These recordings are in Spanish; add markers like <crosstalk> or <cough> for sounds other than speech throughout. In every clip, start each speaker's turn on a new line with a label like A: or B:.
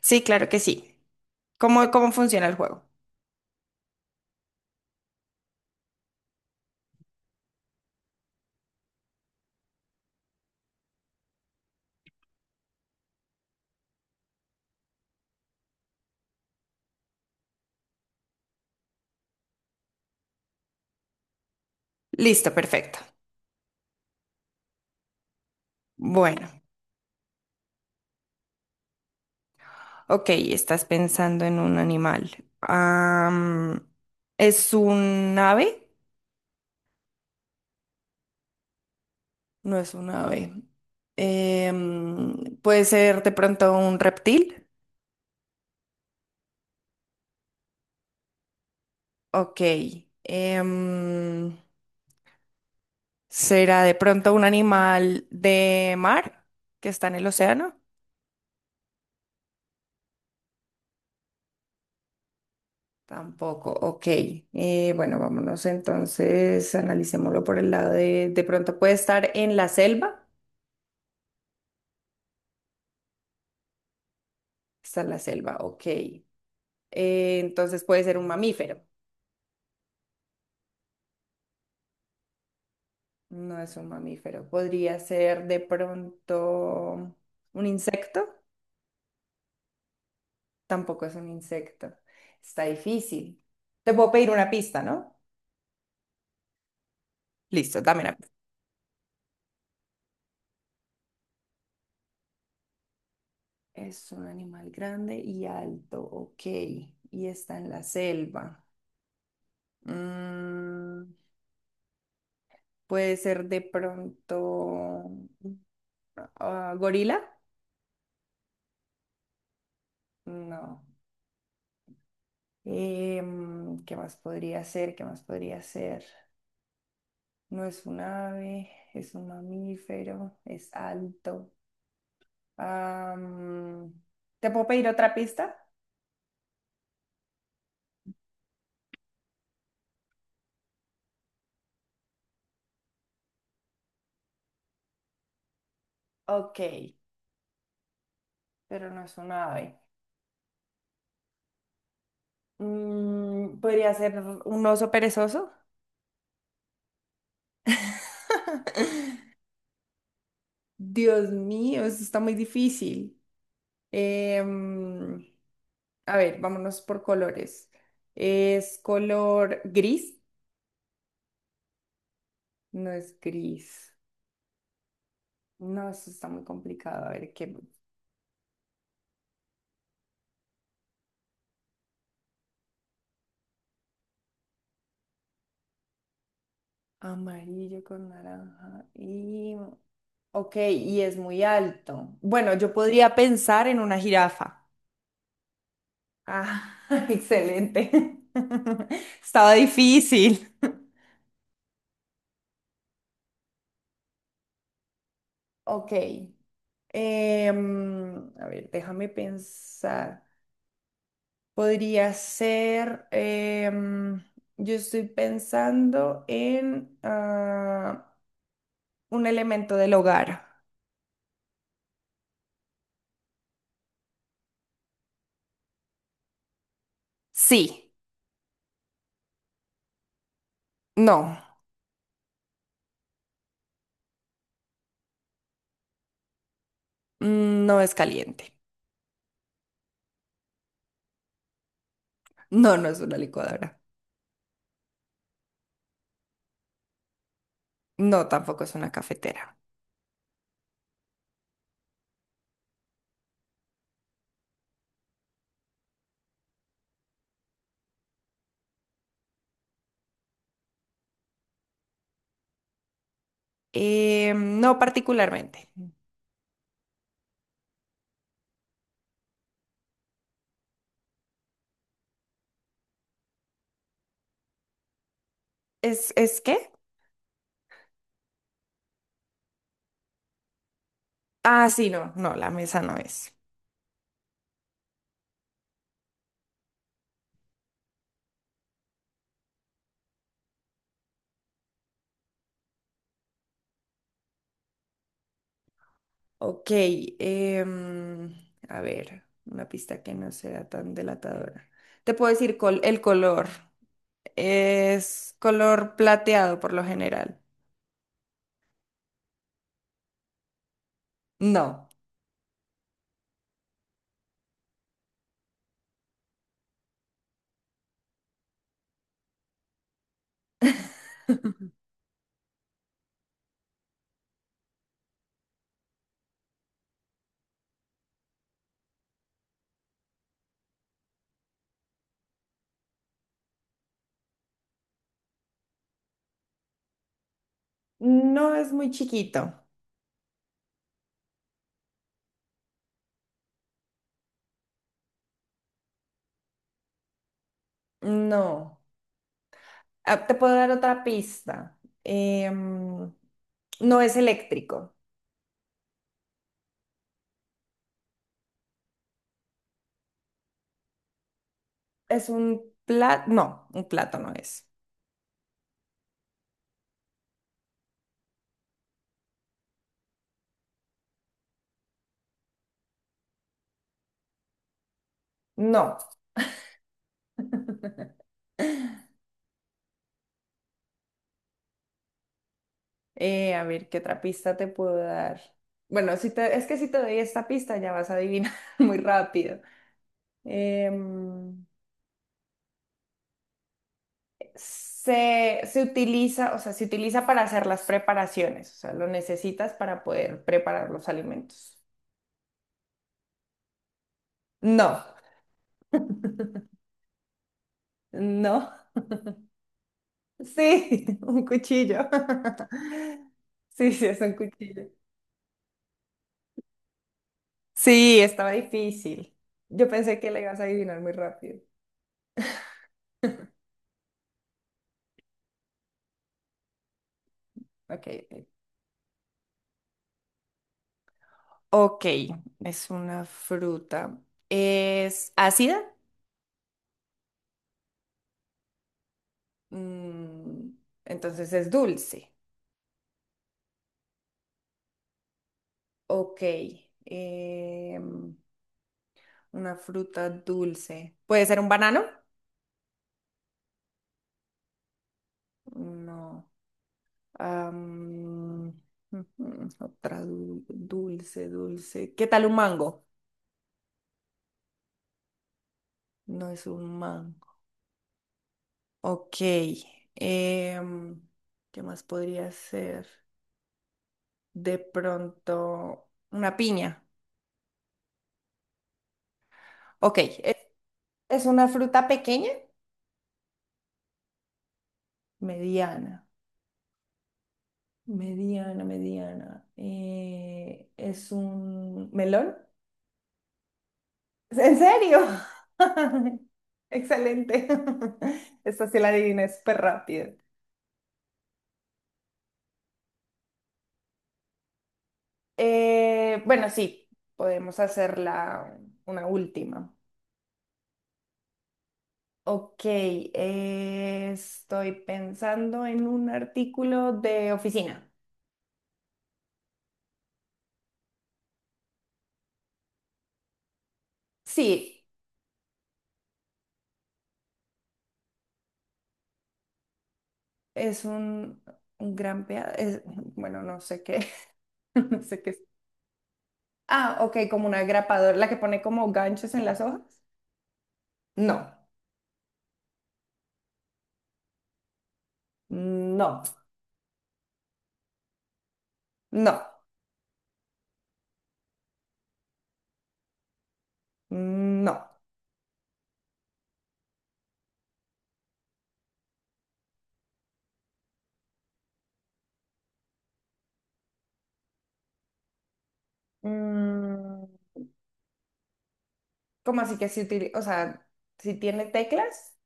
A: Sí, claro que sí. ¿¿Cómo funciona el juego? Listo, perfecto. Bueno, ok, estás pensando en un animal. ¿Es un ave? No es un ave. ¿Puede ser de pronto un reptil? Ok. em, ¿Será de pronto un animal de mar que está en el océano? Tampoco, ok. Bueno, vámonos entonces, analicémoslo por el lado de pronto puede estar en la selva. Está en la selva, ok. Entonces puede ser un mamífero. No es un mamífero. Podría ser de pronto un insecto. Tampoco es un insecto. Está difícil. Te puedo pedir una pista, ¿no? Listo, dame una pista. Es un animal grande y alto, ok. Y está en la selva. Mm. Puede ser de pronto gorila. No. ¿Qué más podría ser? ¿Qué más podría ser? No es un ave, es un mamífero, es alto. Am, ¿Te puedo pedir otra pista? Ok, pero no es un ave. Mm, ¿podría ser un oso perezoso? <laughs> Dios mío, eso está muy difícil. Em, A ver, vámonos por colores. Es color gris. No es gris. No, eso está muy complicado. A ver, qué amarillo con naranja. Y... Ok, y es muy alto. Bueno, yo podría pensar en una jirafa. Ah, <laughs> excelente. <laughs> Estaba difícil. Ok. A ver, déjame pensar. Podría ser, yo estoy pensando en un elemento del hogar. Sí, no, mm, no es caliente. No, no es una licuadora. No, tampoco es una cafetera. No particularmente. Es qué? Ah, sí, no, no, la mesa no es. Ok, em, a ver, una pista que no sea tan delatadora. Te puedo decir col- el color. Es color plateado por lo general. No. No es muy chiquito. No. Ah, te puedo dar otra pista. Em, no es eléctrico. Es un plato. No, un plato no es. No. A ver, ¿qué otra pista te puedo dar? Bueno, si te- es que si te doy esta pista ya vas a adivinar <laughs> muy rápido. Em, Se, se utiliza, o sea, se utiliza para hacer las preparaciones, o sea, lo necesitas para poder preparar los alimentos. No, no, sí, <laughs> un cuchillo. <laughs> Sí, sí, es un cuchillo. Sí, estaba difícil. Yo pensé que la ibas a adivinar muy rápido. Ok, ok. Ok, es una fruta. ¿Es ácida? Mm, entonces es dulce. Ok. em, Una fruta dulce. ¿Puede ser un banano? No. Am, Ujú, otra du- dulce, dulce. ¿Qué tal un mango? No es un mango. Ok. em, ¿Qué más podría ser? De pronto, una piña. Ok. ¿Es, es una fruta pequeña? Mediana. Mediana, mediana. ¿Es un melón? ¿En serio? <laughs> Excelente. <laughs> Esta sí la adiviné súper rápido. Bueno, sí, podemos hacerla una última. Ok, estoy pensando en un artículo de oficina. Sí, es un gran pea- es- bueno, no sé qué. <laughs> No sé qué es. Ah, ok, como una grapadora, la que pone como ganchos en las hojas. No, no, no, no. Mm, ¿cómo así que si utili- o sea, si tiene teclas?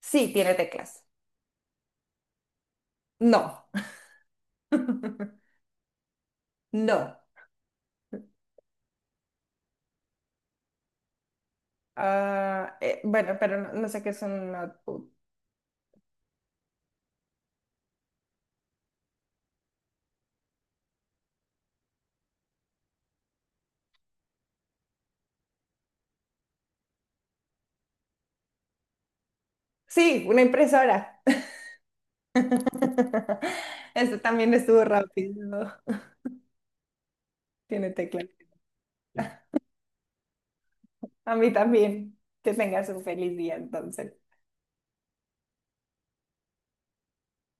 A: Sí, tiene teclas. No. <laughs> No. Ah, bueno, pero no, no sé qué es un notebook. Sí, una impresora. <laughs> Este también estuvo rápido. Tiene teclas. A mí también. Que tengas un feliz día entonces.